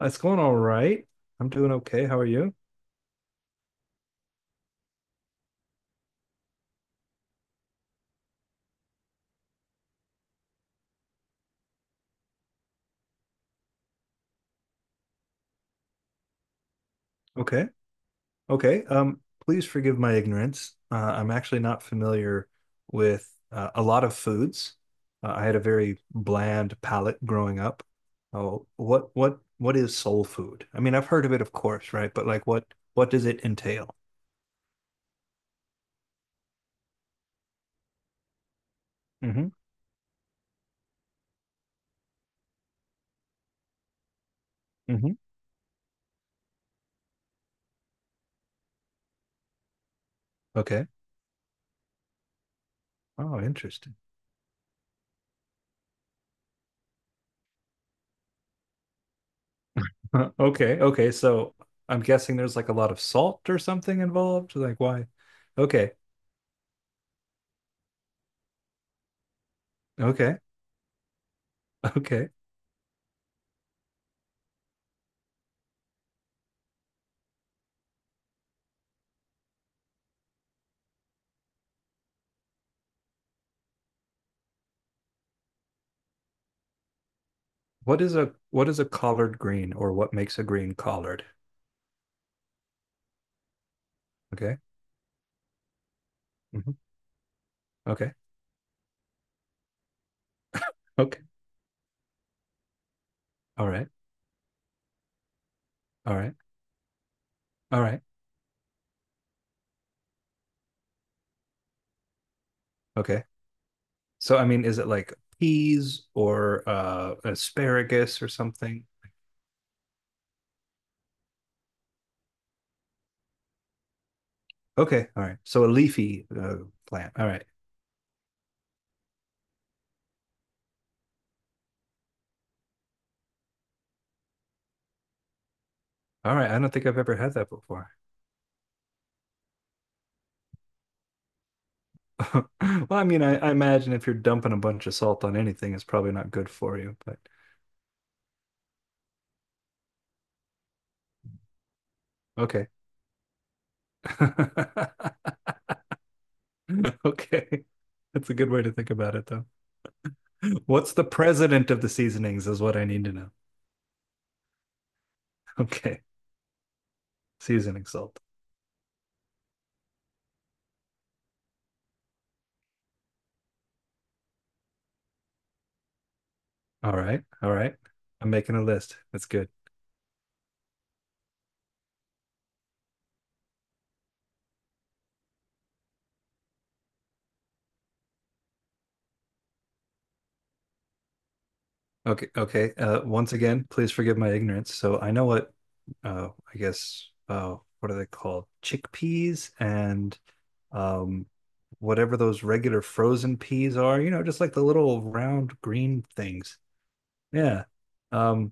It's going all right. I'm doing okay. How are you? Okay. Okay. Please forgive my ignorance. I'm actually not familiar with a lot of foods. I had a very bland palate growing up. Oh, what is soul food? I mean, I've heard of it, of course, right? But like, what does it entail? Hmm. Hmm. Okay. Oh, interesting. Okay. Okay. So I'm guessing there's like a lot of salt or something involved. Like, why? Okay. Okay. Okay. What is a collard green or what makes a green collard? Okay. Hmm. Okay. Okay. All right. All right. All right. Okay. So I mean, is it like peas or asparagus or something? Okay. All right. So a leafy plant. All right. All right. I don't think I've ever had that before. Well, I mean, I imagine if you're dumping a bunch of salt on anything, it's probably not good for you, but okay. Okay. That's a good way to think about it, though. What's the president of the seasonings is what I need to know. Okay. Seasoning salt. All right. All right. I'm making a list. That's good. Okay. Okay. Once again, please forgive my ignorance. So I know what, I guess, what are they called? Chickpeas and um, whatever those regular frozen peas are, just like the little round green things. Yeah. Um,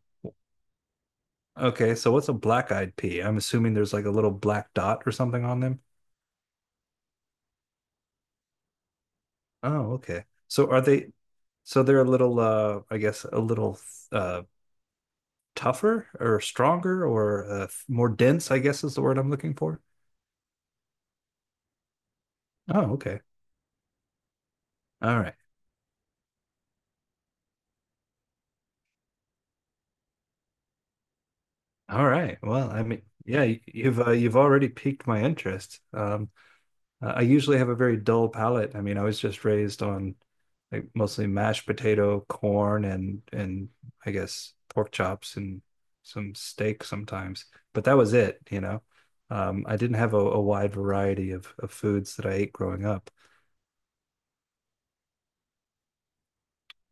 okay. So what's a black eyed pea? I'm assuming there's like a little black dot or something on them. Oh, okay. So they're a little, I guess, a little uh, tougher or stronger or more dense, I guess is the word I'm looking for. Oh, okay. All right. All right. Well, I mean, yeah, you've already piqued my interest. I usually have a very dull palate. I mean, I was just raised on like mostly mashed potato, corn, and I guess pork chops and some steak sometimes. But that was it. I didn't have a wide variety of foods that I ate growing up.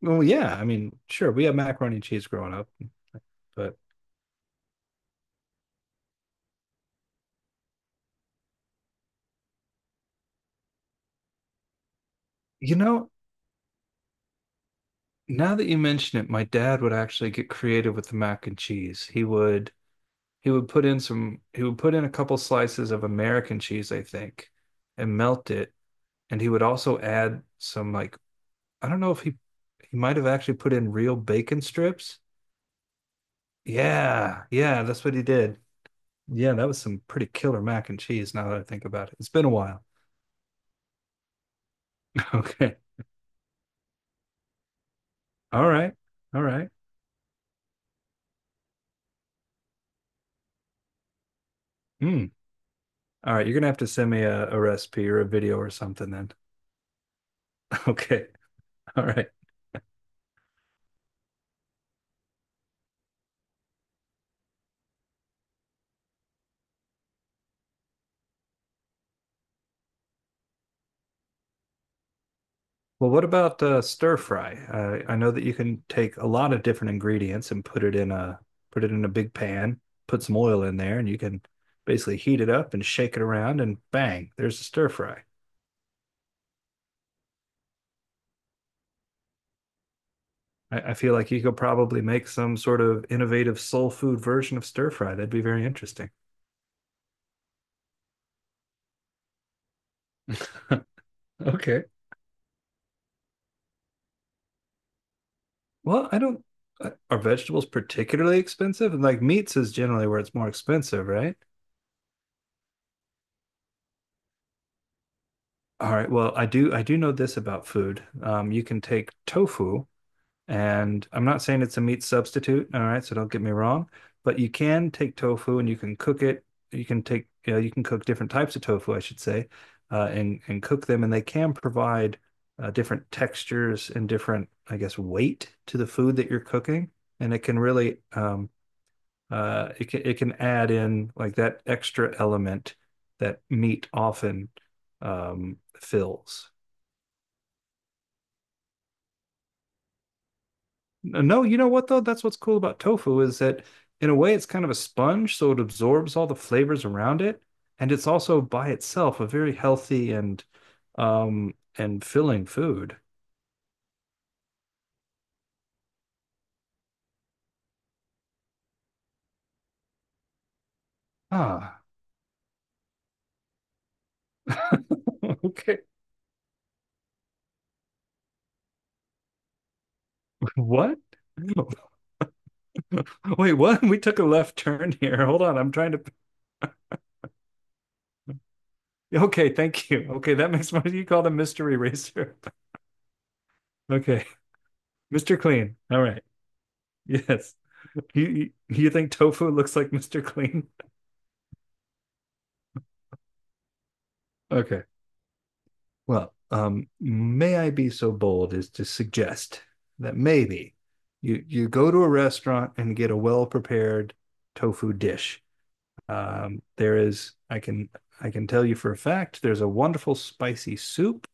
Well, yeah, I mean, sure, we had macaroni and cheese growing up, but you know, now that you mention it, my dad would actually get creative with the mac and cheese. He would put in a couple slices of American cheese, I think, and melt it. And he would also add some like I don't know if he might have actually put in real bacon strips. Yeah, yeah, that's what he did. Yeah, that was some pretty killer mac and cheese now that I think about it. It's been a while. Okay. All right. All right. Mm. All right. You're gonna have to send me a recipe or a video or something then. Okay. All right. Well, what about stir fry? I know that you can take a lot of different ingredients and put it in a big pan, put some oil in there, and you can basically heat it up and shake it around, and bang, there's a stir fry. I feel like you could probably make some sort of innovative soul food version of stir fry. That'd be very interesting. Okay. Well, I don't. Are vegetables particularly expensive? And like meats is generally where it's more expensive, right? All right. Well, I do. I do know this about food. You can take tofu. And I'm not saying it's a meat substitute, all right, so don't get me wrong, but you can take tofu and you can cook it. You can take, you know, you can cook different types of tofu, I should say, and cook them, and they can provide different textures and different, I guess, weight to the food that you're cooking, and it can really, it can add in like that extra element that meat often fills. No, you know what though? That's what's cool about tofu is that in a way it's kind of a sponge, so it absorbs all the flavors around it, and it's also by itself a very healthy and filling food. Ah. Okay. What? Wait, what? We took a left turn here. Hold on, I'm trying to. Okay, thank you. Okay, that makes what do you call a mystery racer. Okay, Mr. Clean. All right. Yes. You think tofu looks like Mr. Clean? Okay. Well, may I be so bold as to suggest that maybe you go to a restaurant and get a well prepared tofu dish. There is I can tell you for a fact there's a wonderful spicy soup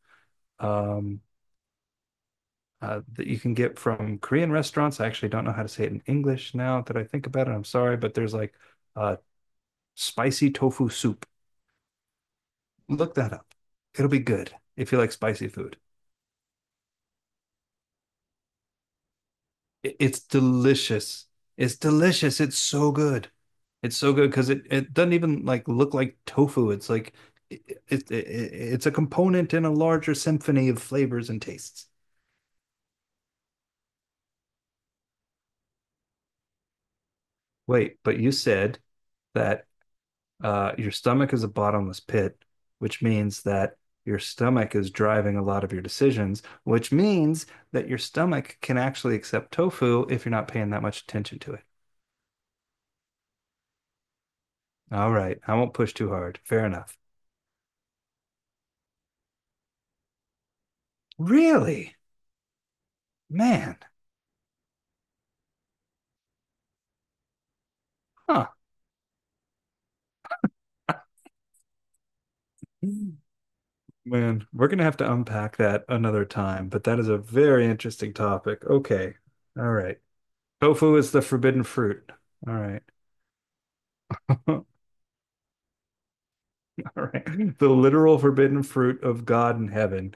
um, that you can get from Korean restaurants. I actually don't know how to say it in English now that I think about it. I'm sorry, but there's like a spicy tofu soup. Look that up. It'll be good if you like spicy food. It's delicious. It's delicious. It's so good. It's so good because it doesn't even like look like tofu. It's like it's a component in a larger symphony of flavors and tastes. Wait, but you said that your stomach is a bottomless pit, which means that your stomach is driving a lot of your decisions, which means that your stomach can actually accept tofu if you're not paying that much attention to it. All right, I won't push too hard. Fair enough. Really? Man, huh. Man, we're gonna have to unpack that another time, but that is a very interesting topic. Okay. All right. Tofu is the forbidden fruit. All right. All right. The literal forbidden fruit of God in heaven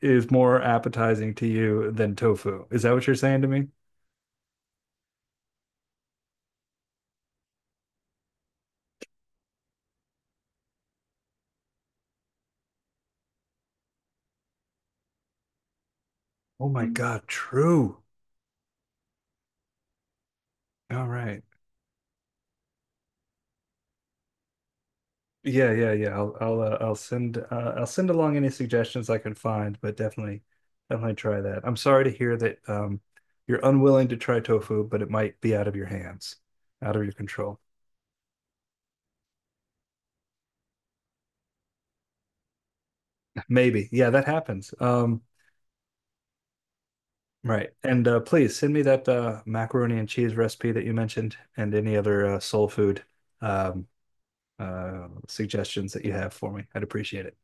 is more appetizing to you than tofu. Is that what you're saying to me? Oh my God, true. All right. Yeah, yeah, yeah. I'll send along any suggestions I can find, but definitely try that. I'm sorry to hear that you're unwilling to try tofu, but it might be out of your hands, out of your control. Maybe. Yeah, that happens. Right. And please send me that macaroni and cheese recipe that you mentioned and any other soul food um suggestions that you have for me. I'd appreciate it.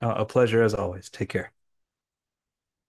A pleasure as always. Take care.